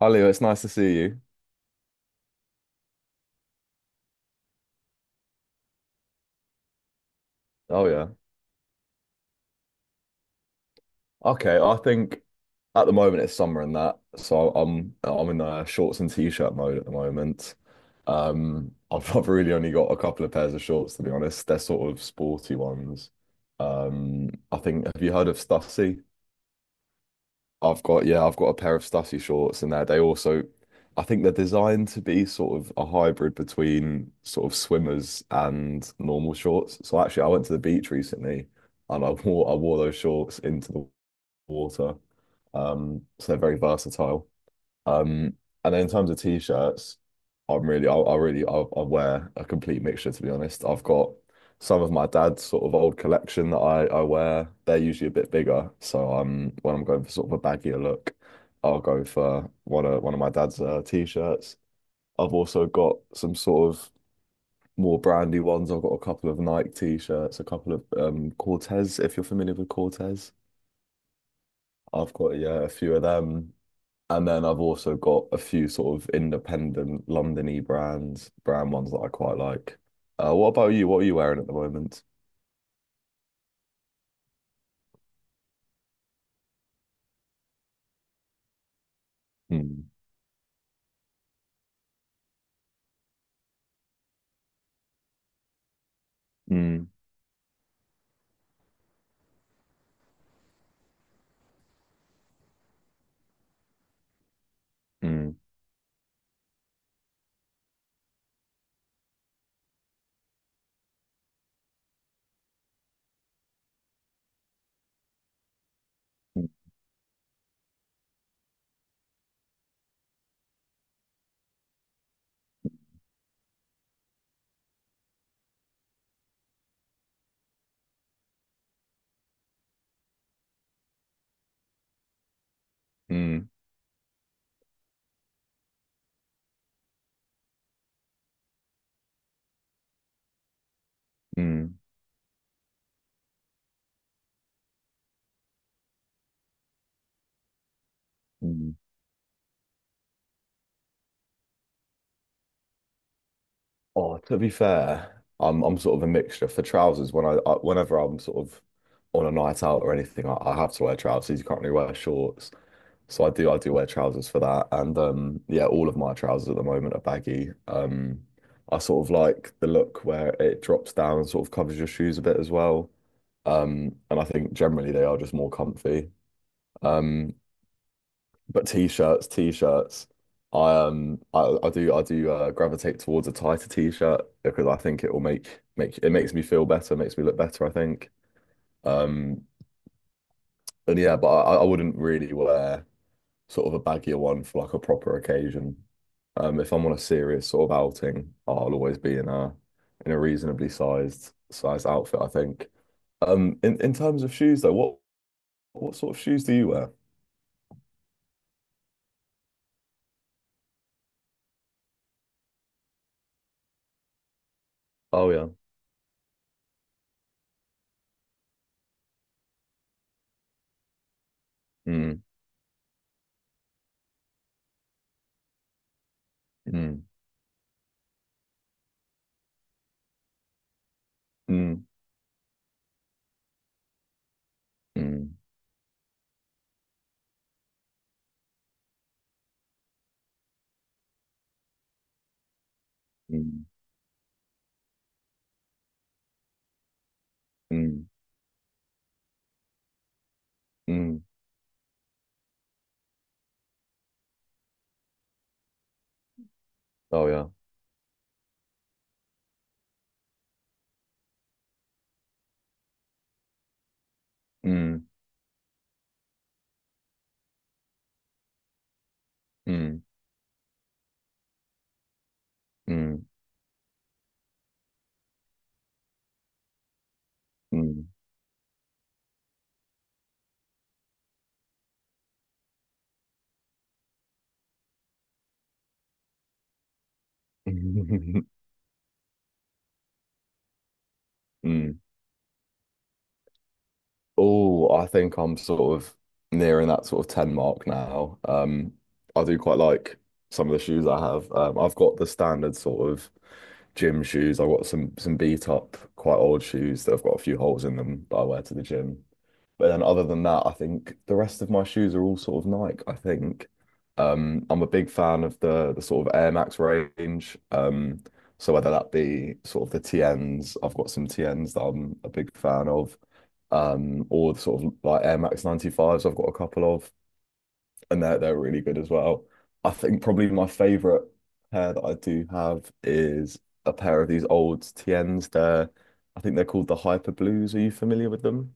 Hi Leo, it's nice to see you. Oh yeah. Okay, I think at the moment it's summer and that, so I'm in shorts and t-shirt mode at the moment. I've really only got a couple of pairs of shorts to be honest. They're sort of sporty ones. I think, have you heard of Stussy? I've got, yeah, I've got a pair of Stussy shorts and that they also, I think they're designed to be sort of a hybrid between sort of swimmers and normal shorts. So actually, I went to the beach recently and I wore those shorts into the water. So they're very versatile. Um, and then in terms of t-shirts, I'm really, I really, I, wear a complete mixture to be honest. I've got some of my dad's sort of old collection that I wear. They're usually a bit bigger, so when I'm going for sort of a baggier look, I'll go for one of my dad's t-shirts. I've also got some sort of more brandy ones. I've got a couple of Nike t-shirts, a couple of Cortez, if you're familiar with Cortez. I've got, yeah, a few of them. And then I've also got a few sort of independent Londony brand ones that I quite like. What about you? What are you wearing at the moment? Mm, mm, mm, mm, mm, mm. Oh, to be fair, I'm sort of a mixture for trousers. Whenever I'm sort of on a night out or anything, I have to wear trousers. You can't really wear shorts. So I do wear trousers for that. And yeah, all of my trousers at the moment are baggy. I sort of like the look where it drops down and sort of covers your shoes a bit as well. And I think generally they are just more comfy. Um but t-shirts, t-shirts. I I do gravitate towards a tighter t-shirt because I think it will makes me feel better, makes me look better, I think. Um and yeah, but I wouldn't really wear sort of a baggier one for like a proper occasion. If I'm on a serious sort of outing, I'll always be in a reasonably sized outfit, I think. In terms of shoes though, what sort of shoes do you wear? Oh yeah. Mm, mm, mm, mm, mm, mm, mm. Oh yeah. Mm, mm, mm, mm. Mm. Oh, I think I'm sort of nearing that sort of 10 mark now. I do quite like some of the shoes I have. I've got the standard sort of gym shoes. I've got some beat up, quite old shoes that have got a few holes in them that I wear to the gym. But then other than that, I think the rest of my shoes are all sort of Nike, I think. I'm a big fan of the sort of Air Max range. So whether that be sort of the TNs, I've got some TNs that I'm a big fan of. Or the sort of like Air Max 95s I've got a couple of, and they're really good as well. I think probably my favorite pair that I do have is a pair of these old TNs. They're, I think they're called the Hyper Blues. Are you familiar with them?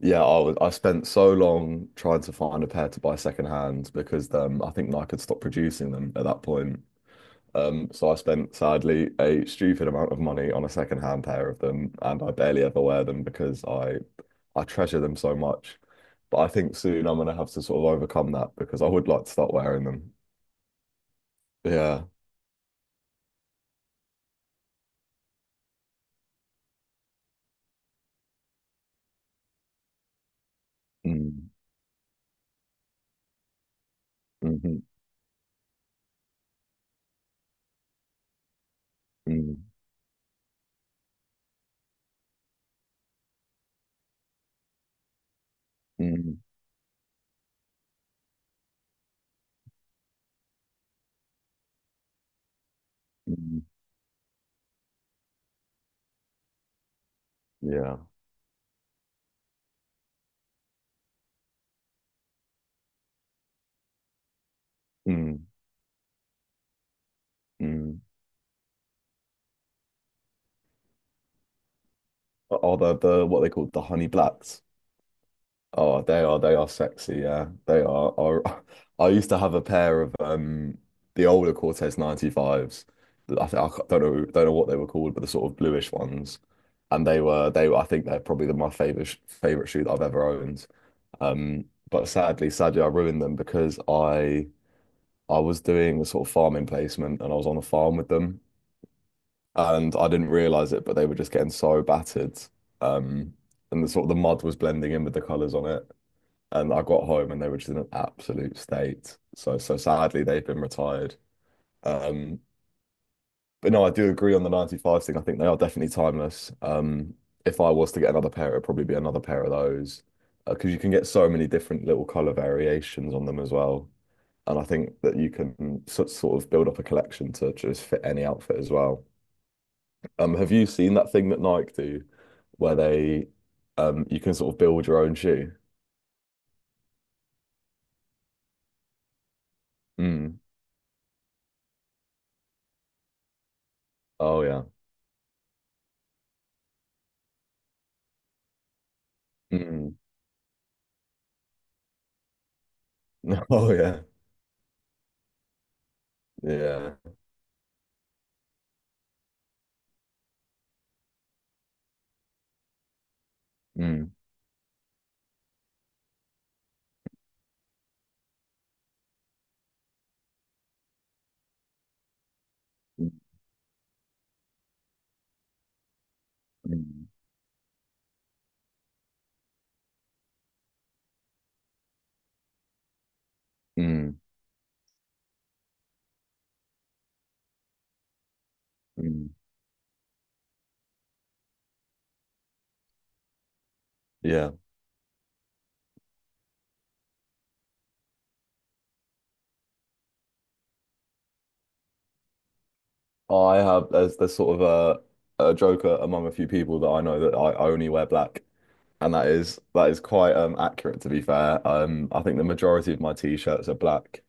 Yeah, I was, I spent so long trying to find a pair to buy secondhand because I think Nike had stopped producing them at that point. So I spent sadly a stupid amount of money on a secondhand pair of them, and I barely ever wear them because I treasure them so much. But I think soon I'm gonna have to sort of overcome that because I would like to start wearing them. Yeah. Mm, mhm, mm, mm, mm, yeah. Mm, mm. Are the what they call the honey blacks? Oh, they are sexy, yeah. They are. I used to have a pair of the older Cortez 95s. I, th- I ca- don't know what they were called, but the sort of bluish ones. And they were, I think they're probably my favorite shoe that I've ever owned. But sadly I ruined them because I was doing a sort of farming placement and I was on a farm with them and I didn't realize it, but they were just getting so battered. Um and the sort of the mud was blending in with the colors on it and I got home and they were just in an absolute state. So sadly they've been retired. Um, but no, I do agree on the 95s thing. I think they are definitely timeless. If I was to get another pair, it'd probably be another pair of those. Because you can get so many different little color variations on them as well. And I think that you can sort of build up a collection to just fit any outfit as well. Have you seen that thing that Nike do where they you can sort of build your own shoe? Mm. Oh yeah. Mm. Oh yeah. Yeah. Mm, mm, mm, mm, mm. Yeah. I have, there's sort of a joker among a few people that I know that I only wear black. And that is quite accurate to be fair. I think the majority of my t-shirts are black.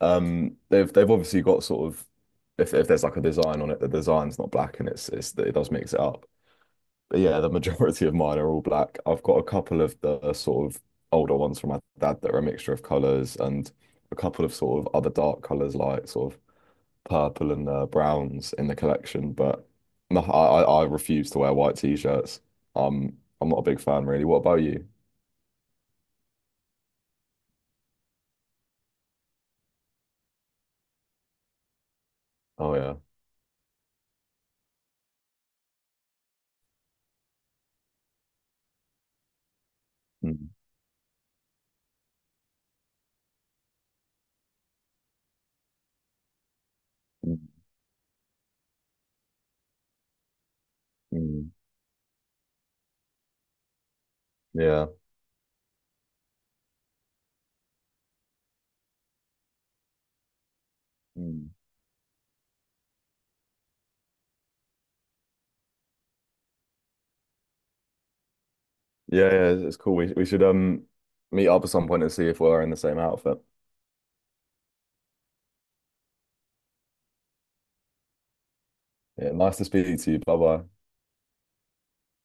They've obviously got sort of, if there's like a design on it, the design's not black and it's, it does mix it up. But yeah, the majority of mine are all black. I've got a couple of the sort of older ones from my dad that are a mixture of colours, and a couple of sort of other dark colours like sort of purple and browns in the collection. But no, I refuse to wear white t-shirts. I'm not a big fan really. What about you? Oh yeah. Mm, mm, mm. Yeah. Mm. Yeah, yeah, it's cool. We should meet up at some point and see if we're in the same outfit. Yeah, nice to speak to you. Bye bye.